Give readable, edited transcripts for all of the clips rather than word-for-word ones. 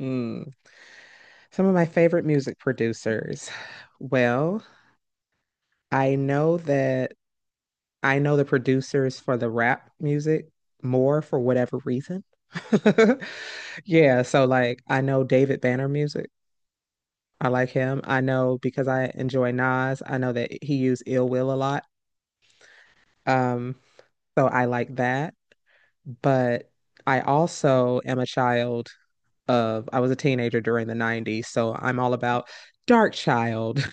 Mm. Some of my favorite music producers. Well, I know that I know the producers for the rap music more for whatever reason. Yeah, so like I know David Banner music. I like him. I know because I enjoy Nas. I know that he used Ill Will a lot. Um, so I like that. But I also am a child of I was a teenager during the 90s, so I'm all about Dark Child.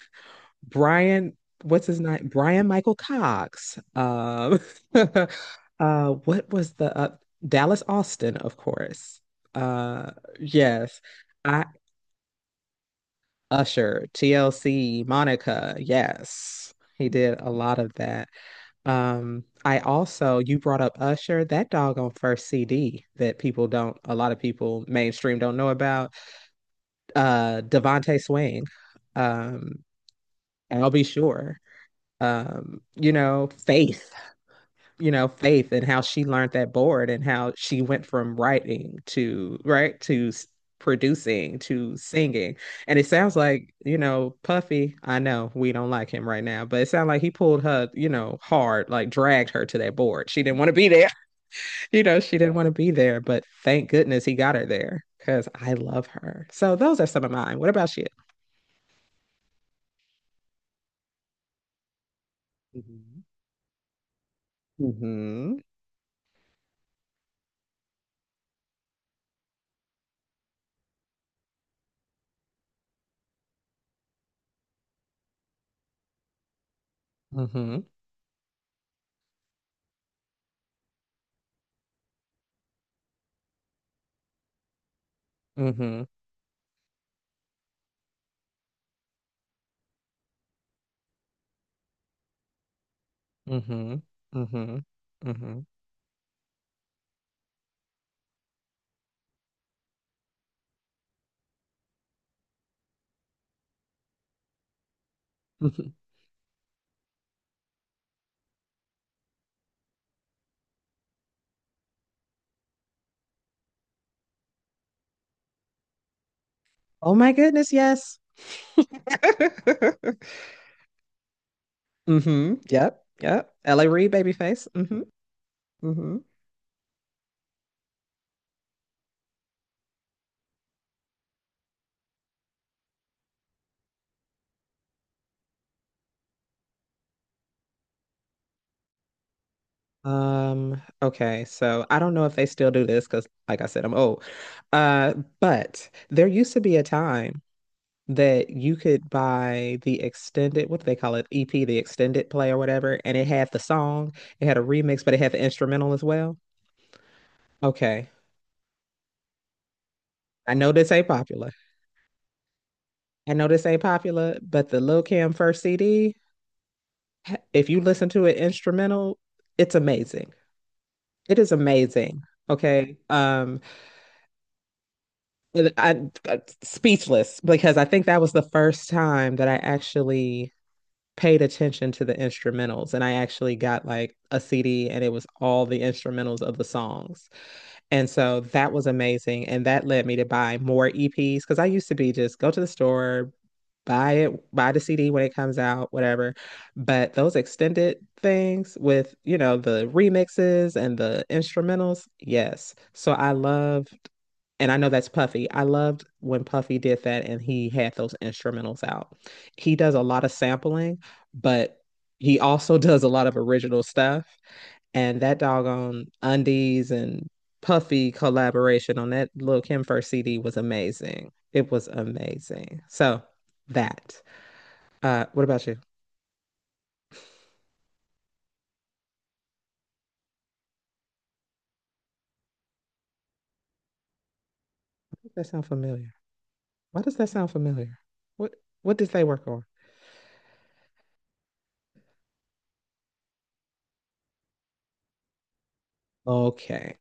Brian, what's his name? Brian Michael Cox. Uh, what was the Dallas Austin, of course. Uh, yes, I Usher, TLC, Monica. Yes, he did a lot of that. I also, you brought up Usher, that doggone first CD that people don't, a lot of people mainstream don't know about. Devontae Swing, um, and I'll be sure. Faith. You know Faith and how she learned that board and how she went from writing to right to producing to singing, and it sounds like, you know, Puffy, I know we don't like him right now, but it sounds like he pulled her, hard, like dragged her to that board. She didn't want to be there. you know she didn't want to be there, but thank goodness he got her there because I love her. So those are some of mine. What about you? Mm. Mm-hmm. Mm-hmm. Mm-hmm. Mm-hmm. Mm-hmm. Mm-hmm. Oh my goodness, yes. Mm-hmm. Yep. Yep. L.A. Reid, babyface. Mm-hmm. Mm-hmm. Okay, so I don't know if they still do this because, like I said, I'm old. Uh, but there used to be a time that you could buy the extended, what do they call it? EP, the extended play or whatever, and it had the song, it had a remix, but it had the instrumental as well. Okay. I know this ain't popular. I know this ain't popular, but the Lil Kim first CD, if you listen to an instrumental, it's amazing. It is amazing. Okay. I, I- speechless because I think that was the first time that I actually paid attention to the instrumentals, and I actually got like a CD and it was all the instrumentals of the songs. And so that was amazing. And that led me to buy more EPs because I used to be just go to the store, buy it, buy the CD when it comes out, whatever. But those extended things with, you know, the remixes and the instrumentals, yes. So I loved, and I know that's Puffy. I loved when Puffy did that and he had those instrumentals out. He does a lot of sampling, but he also does a lot of original stuff. And that doggone Undies and Puffy collaboration on that Lil Kim first CD was amazing. It was amazing. So that. What about you? Does that sound familiar? Why does that sound familiar? What what did they work on? Okay.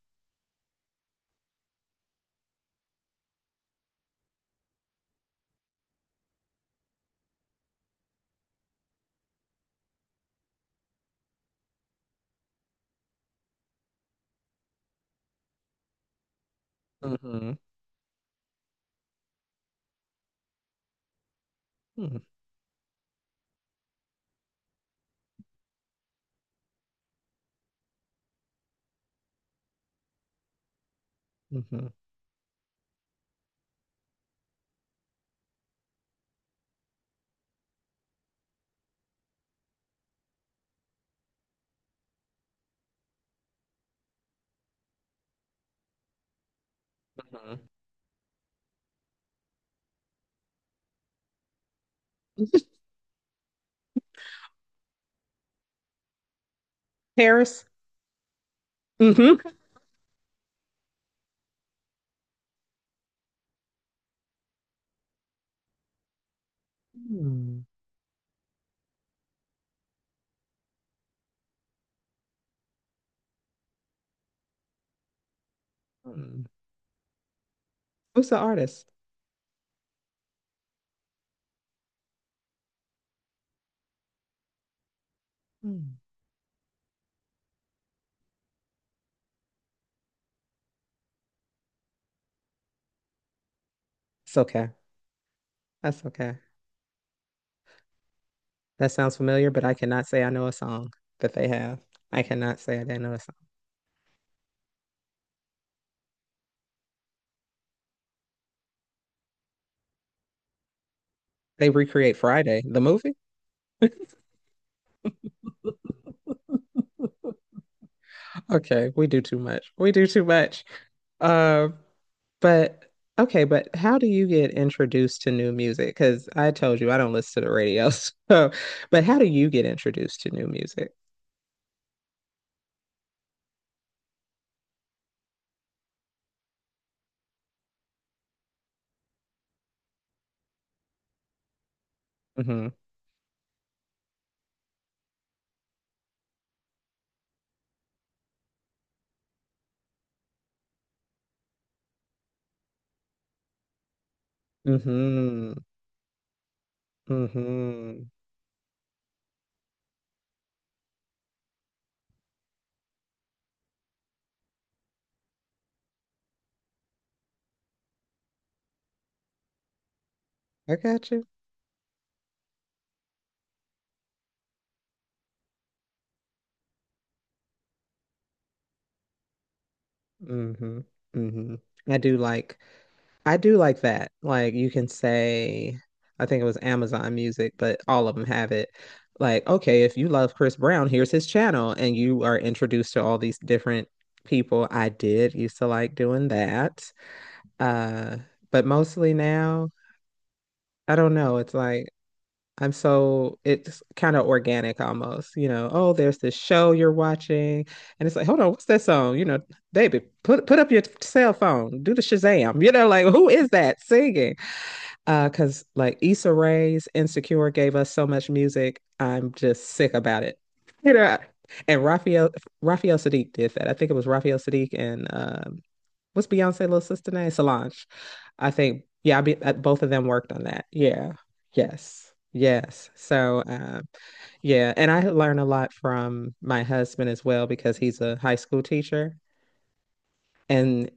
Mm-hmm. Mm-hmm. Mm-hmm. Paris. Mm-hmm. Mm-hmm. Who's the artist? Mm. It's okay. That's okay. That sounds familiar, but I cannot say I know a song that they have. I cannot say I didn't know a song. They recreate Friday, the movie. Okay, we do too much. We do too much. Um, But Okay, but how do you get introduced to new music? Because I told you I don't listen to the radio. So, but how do you get introduced to new music? Hmm. Hmm. Hmm. I got you. Hmm. Hmm. I do like I do like that. Like you can say, I think it was Amazon Music, but all of them have it. Like, okay, if you love Chris Brown, here's his channel, and you are introduced to all these different people. I did used to like doing that. Uh, but mostly now, I don't know. It's like I'm so it's kind of organic almost, you know. Oh, there's this show you're watching, and it's like, hold on, what's that song? You know, baby, put up your cell phone, do the Shazam, you know, like who is that singing? Because like Issa Rae's Insecure gave us so much music. I'm just sick about it. You know, and Raphael Sadiq did that. I think it was Raphael Sadiq and what's Beyonce little sister name? Solange. I think yeah, both of them worked on that. Yeah. Yes. Yes. Yeah, and I learn a lot from my husband as well because he's a high school teacher, and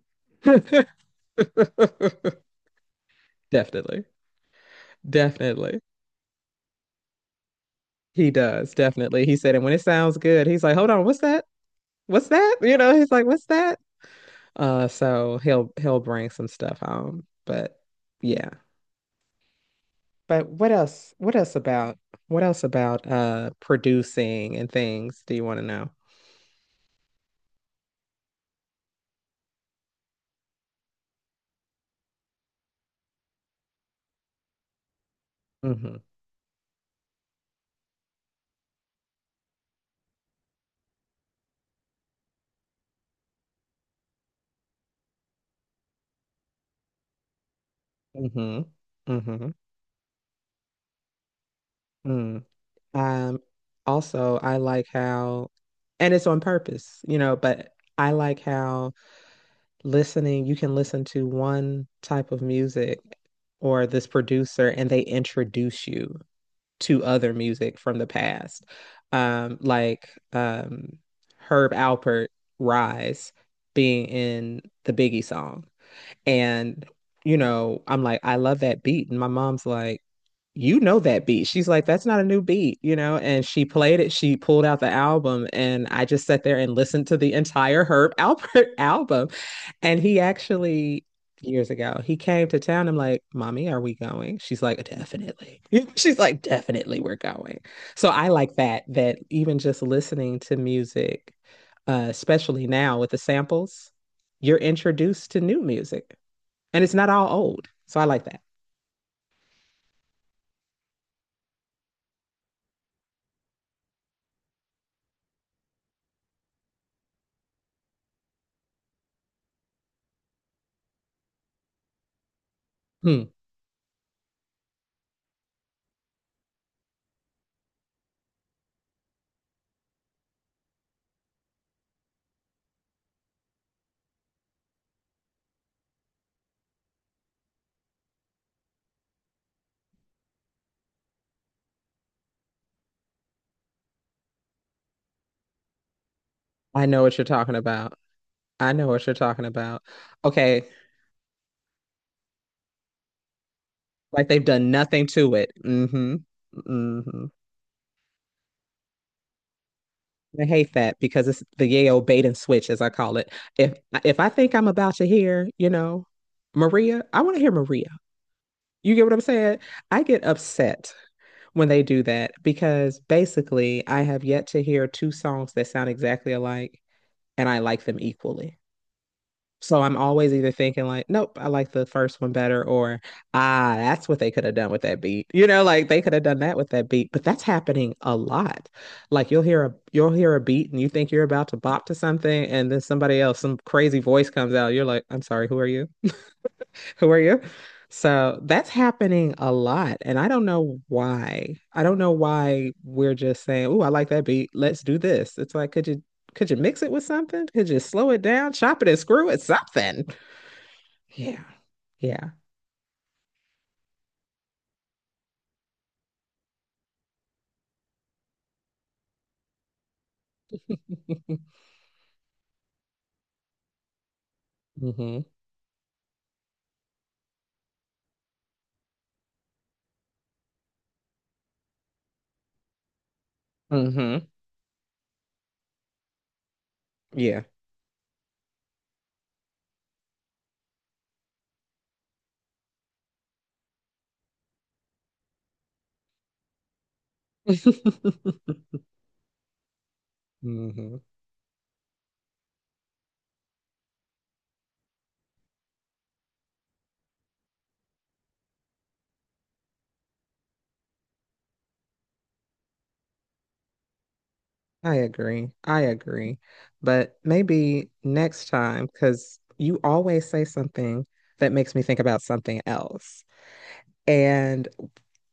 definitely. Definitely. He does, definitely. He said, and when it sounds good, he's like, hold on, what's that? What's that? You know, he's like, what's that? So he'll bring some stuff home. But yeah. But what else? What else about producing and things do you want to know? Mm-hmm. Mm-hmm. Mm-hmm. Mm. Um, Also I like how, and it's on purpose, you know, but I like how listening, you can listen to one type of music or this producer, and they introduce you to other music from the past. Um, like um, Herb Alpert, Rise, being in the Biggie song. And, you know, I'm like, I love that beat. And my mom's like, you know that beat. She's like, that's not a new beat, you know? And she played it. She pulled out the album, and I just sat there and listened to the entire Herb Alpert album. And he actually, years ago, he came to town. I'm like, Mommy, are we going? She's like, definitely. She's like, definitely, we're going. So I like that, that even just listening to music, especially now with the samples, you're introduced to new music and it's not all old. So I like that. Hmm. I know what you're talking about. I know what you're talking about. Okay, like they've done nothing to it. Mm-hmm. Mm-hmm. I hate that because it's the Yale bait and switch, as I call it. If if I think I'm about to hear, you know, Maria, I want to hear Maria. You get what I'm saying? I get upset when they do that because basically I have yet to hear two songs that sound exactly alike and I like them equally. So I'm always either thinking like, nope, I like the first one better, or ah, that's what they could have done with that beat. You know, like they could have done that with that beat. But that's happening a lot. Like you'll hear a beat and you think you're about to bop to something, and then somebody else, some crazy voice comes out. You're like, I'm sorry, who are you? Who are you? So that's happening a lot. And I don't know why. I don't know why we're just saying, oh, I like that beat. Let's do this. It's like, could you mix it with something? Could you slow it down, chop it and screw it, something? Yeah. Yeah. Hmm. Hmm. Yeah. Hmm. I agree. I agree. But maybe next time, because you always say something that makes me think about something else. And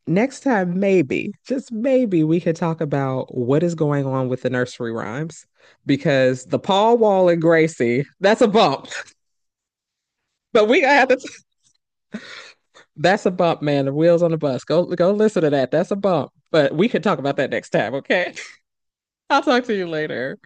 next time, maybe, just maybe, we could talk about what is going on with the nursery rhymes because the Paul Wall and Gracie, that's a bump. But we gonna have to. That's a bump, man. The wheels on the bus. Go listen to that. That's a bump. But we could talk about that next time, okay? I'll talk to you later.